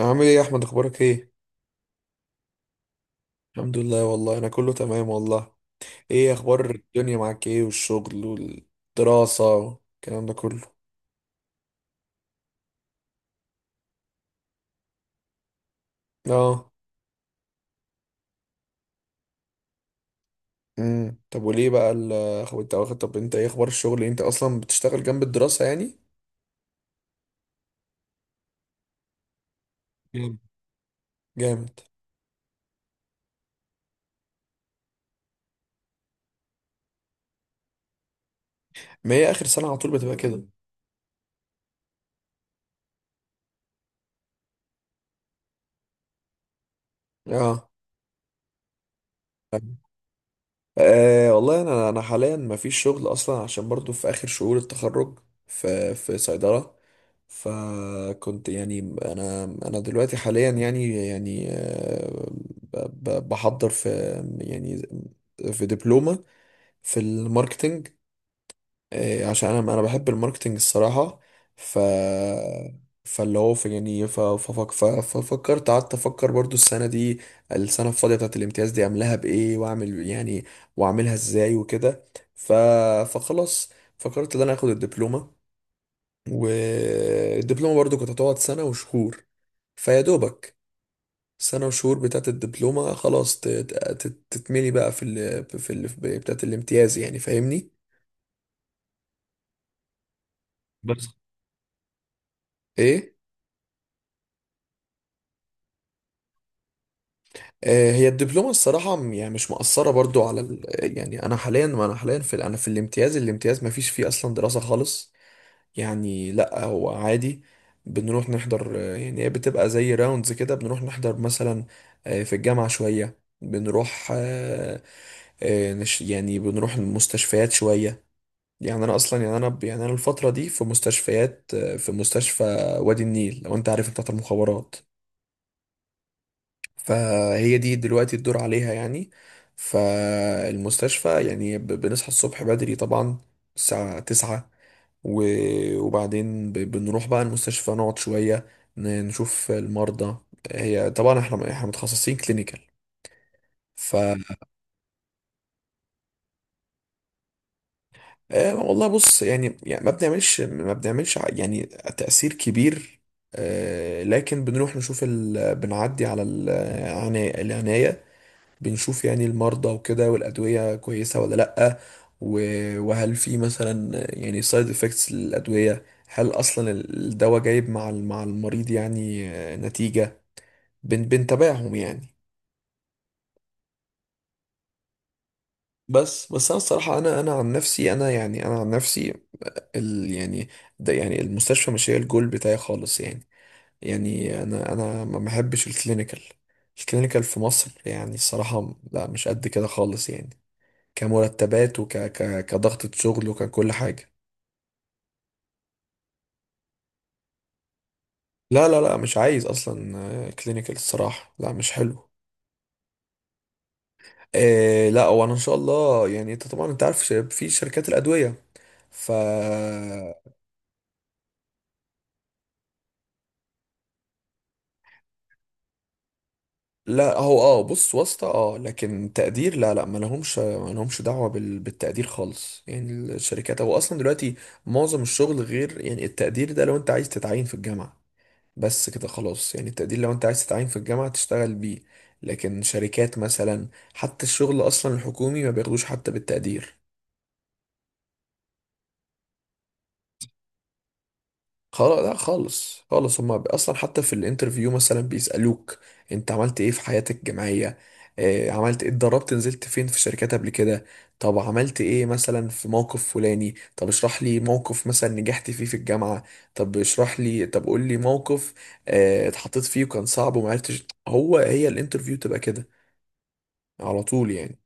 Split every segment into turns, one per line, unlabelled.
عامل ايه يا احمد، اخبارك ايه؟ الحمد لله والله، انا كله تمام والله. ايه اخبار الدنيا معاك؟ ايه والشغل والدراسة والكلام ده كله؟ اه. طب وليه بقى اخو انت واخد طب، انت ايه اخبار الشغل؟ انت اصلا بتشتغل جنب الدراسة يعني. جامد. جامد. ما هي اخر سنة على طول بتبقى كده. اه. أه والله، انا حاليا ما فيش شغل اصلا، عشان برضو في اخر شهور التخرج في صيدله. فكنت يعني، انا دلوقتي حاليا، يعني، بحضر في، يعني، في دبلومه في الماركتنج. إيه، عشان انا بحب الماركتنج الصراحه. ف، فاللي هو في، يعني، ففكرت قعدت افكر برضو السنه دي، السنه الفاضيه بتاعت الامتياز دي، اعملها بايه، واعمل يعني، واعملها ازاي وكده. ف، فخلاص، فكرت ان انا اخد الدبلومه. والدبلومه برضو كانت هتقعد سنه وشهور. فيا دوبك سنه وشهور بتاعت الدبلومه خلاص تتملي بقى بتاعت الامتياز، يعني فاهمني؟ بس ايه؟ هي الدبلومة الصراحة، يعني مش مأثرة برضو على ال... يعني أنا حاليا، ما أنا حاليا في ال- أنا في الامتياز، الامتياز ما فيش فيه أصلا دراسة خالص. يعني لأ، هو عادي. بنروح نحضر، يعني هي بتبقى زي راوندز كده، بنروح نحضر مثلا، في الجامعة شوية، بنروح، يعني بنروح المستشفيات شوية. يعني أنا أصلا، يعني يعني أنا الفترة دي في مستشفيات، في مستشفى وادي النيل، لو أنت عارف، بتاعت المخابرات. فهي دي دلوقتي الدور عليها يعني. فالمستشفى يعني، بنصحى الصبح بدري طبعا، الساعة تسعة، و وبعدين بنروح بقى المستشفى، نقعد شوية، نشوف المرضى. هي طبعا احنا متخصصين كلينيكال. ف، والله بص يعني، يعني ما بنعملش يعني تأثير كبير. لكن بنروح نشوف ال... بنعدي على العناية، بنشوف يعني المرضى وكده، والأدوية كويسة ولا لأ، و- وهل في مثلا، يعني، سايد افكتس للأدوية؟ هل أصلا الدواء جايب مع مع المريض، يعني، نتيجة؟ بنتابعهم يعني. بس انا الصراحه، انا عن نفسي، انا، يعني، انا عن نفسي، ال يعني ده، يعني المستشفى مش هي الجول بتاعي خالص يعني. يعني انا ما بحبش الكلينيكال. الكلينيكال في مصر يعني الصراحه لا، مش قد كده خالص يعني، كمرتبات كضغطة شغل وككل حاجة. لا، مش عايز اصلا كلينيكال الصراحة، لا مش حلو. إيه لا، وانا ان شاء الله يعني، انت طبعا انت عارف، في شركات الادوية. ف، لا هو اه بص، واسطة اه، لكن تقدير لا، ما لهمش دعوة بال... بالتقدير خالص يعني. الشركات، هو اصلا دلوقتي معظم الشغل، غير يعني التقدير ده، لو انت عايز تتعين في الجامعة، بس كده خلاص، يعني التقدير لو انت عايز تتعين في الجامعة تشتغل بيه. لكن شركات مثلا، حتى الشغل اصلا الحكومي ما بياخدوش حتى بالتقدير. خلاص لا، خالص، هما اصلا حتى في الانترفيو مثلا بيسألوك: انت عملت ايه في حياتك الجامعية؟ عملت ايه؟ اتدربت؟ نزلت فين؟ في شركات قبل كده؟ طب عملت ايه مثلا في موقف فلاني؟ طب اشرح لي موقف مثلا نجحت فيه في الجامعة، طب اشرح لي، طب قول لي موقف اتحطيت فيه وكان صعب وما عرفتش. هي الانترفيو تبقى كده على طول يعني.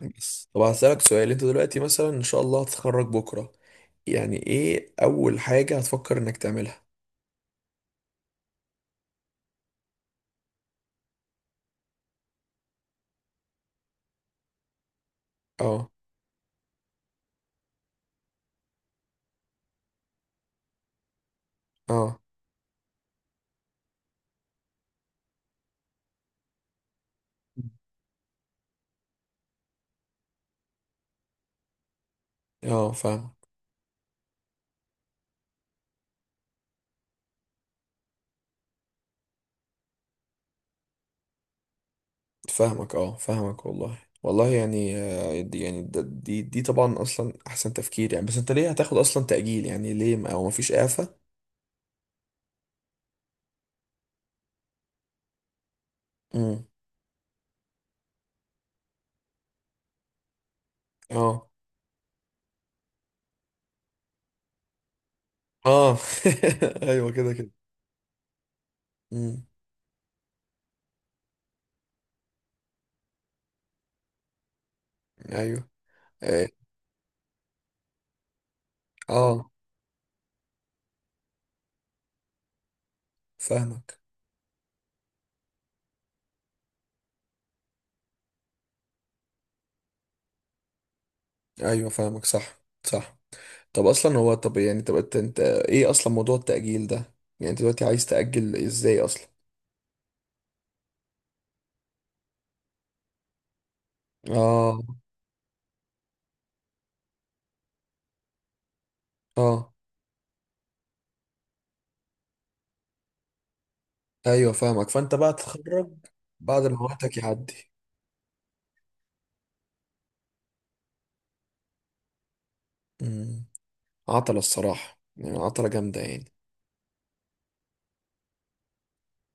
بس طب هسألك سؤال: انت دلوقتي، مثلا ان شاء الله هتتخرج بكرة، يعني ايه اول حاجة هتفكر انك تعملها؟ اه. اه. اه فاهمك. فاهمك. اه فاهمك والله، والله يعني، دي يعني دي طبعا اصلا احسن تفكير يعني. بس انت ليه هتاخد اصلا تأجيل؟ يعني ليه، ما او مفيش إعفاء؟ امم اه. اه. ايوه كده كده. امم ايوه. اه. آه، فاهمك. ايوه فاهمك، صح صح. طب اصلا هو، طب يعني، طب انت، انت ايه اصلا موضوع التأجيل ده؟ يعني انت دلوقتي عايز تأجل ازاي اصلا؟ اه. اه. ايوه فاهمك. فانت بقى تتخرج بعد ما وقتك يعدي. امم عطلة الصراحة، يعني عطلة جامدة يعني.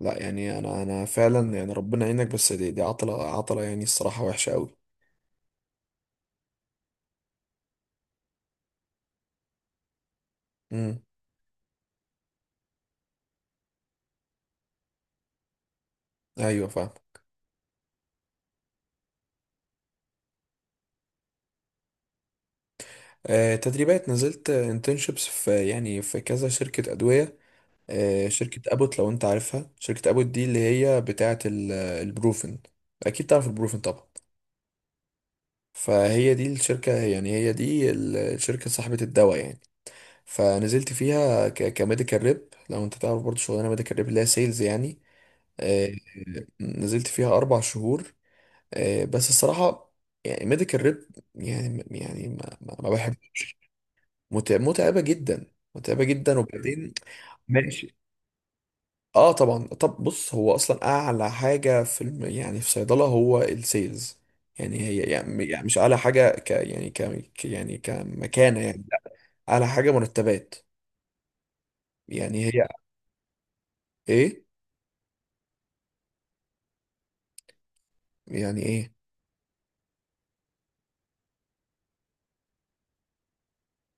لا، يعني انا فعلا، يعني ربنا يعينك، بس دي عطلة، عطلة يعني الصراحة وحشة قوي. امم ايوه فاهم. آه، تدريبات، نزلت انترنشيبس في، يعني في كذا شركة أدوية. شركة أبوت، لو أنت عارفها، شركة أبوت دي اللي هي بتاعة البروفن. أكيد تعرف البروفن طبعا. فهي دي الشركة يعني، هي دي الشركة صاحبة الدواء يعني. فنزلت فيها كميديكال ريب، لو أنت تعرف برضو شغلانة ميديكال ريب، اللي هي سيلز يعني. آه، نزلت فيها أربع شهور، بس الصراحة، يعني ميديكال ريب يعني، يعني ما بحب. متعبة جدا. متعبة جدا، وبعدين ماشي. اه طبعا. طب بص، هو اصلا اعلى حاجه في الم... يعني في صيدله هو السيلز. يعني هي يعني، يعني مش اعلى حاجه ك، يعني ك، يعني كمكانه يعني لا، اعلى حاجه مرتبات. يعني هي، ايه. يعني ايه.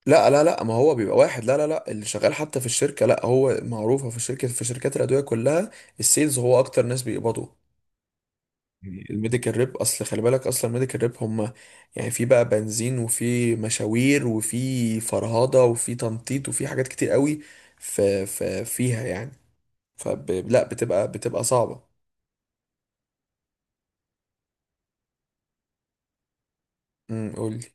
لا، ما هو بيبقى واحد، لا، اللي شغال حتى في الشركه، لا هو معروفه، في الشركه في شركات الادويه كلها السيلز هو اكتر ناس بيقبضوا. الميديكال ريب، اصل خلي بالك اصلا الميديكال ريب، هم يعني في بقى بنزين، وفي مشاوير، وفي فرهضه، وفي تنطيط، وفي حاجات كتير قوي. ف، ف فيها يعني، لا، بتبقى صعبه. قول لي.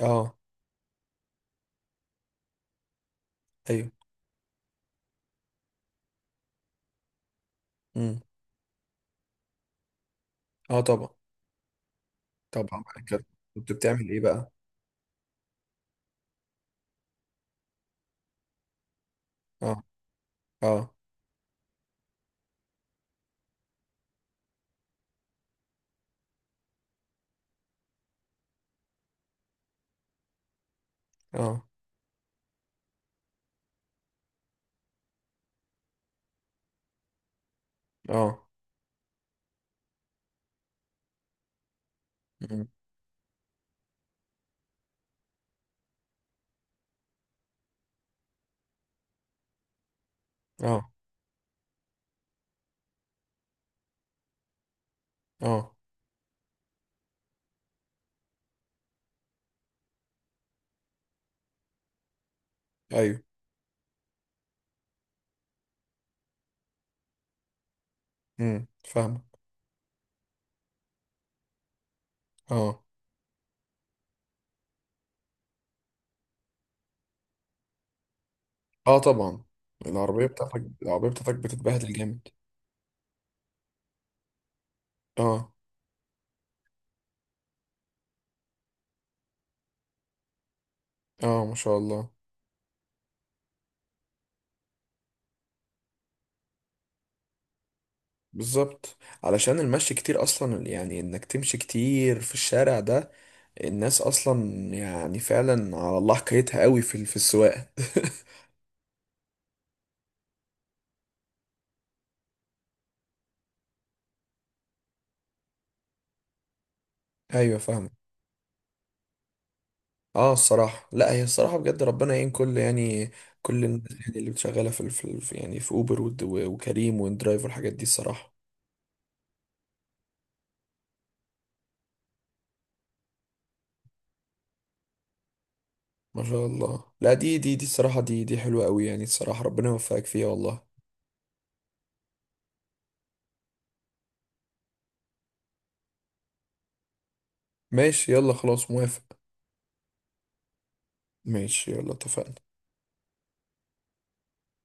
اه. ايوه. امم اه طبعا. طبعا بعد كده، كنت بتعمل ايه بقى؟ اه. اه. اه. اه. مم. اه. اه. ايوه. فاهمك. اه. اه طبعا. العربيه بتاعتك، العربيه بتاعتك بتتبهدل جامد. اه. اه ما شاء الله. بالظبط، علشان المشي كتير اصلا، يعني انك تمشي كتير في الشارع ده. الناس اصلا، يعني فعلا على الله حكايتها قوي في في السواقه. ايوه فاهم. اه الصراحه، لا هي الصراحه بجد، ربنا يعين كل، يعني كل الناس، يعني اللي شغاله في يعني في اوبر، وكريم وندرايف والحاجات دي الصراحه. ما شاء الله، لا دي الصراحه، دي حلوه قوي يعني الصراحه، ربنا يوفقك فيها والله. ماشي، يلا خلاص موافق. ماشي يلا، اتفقنا.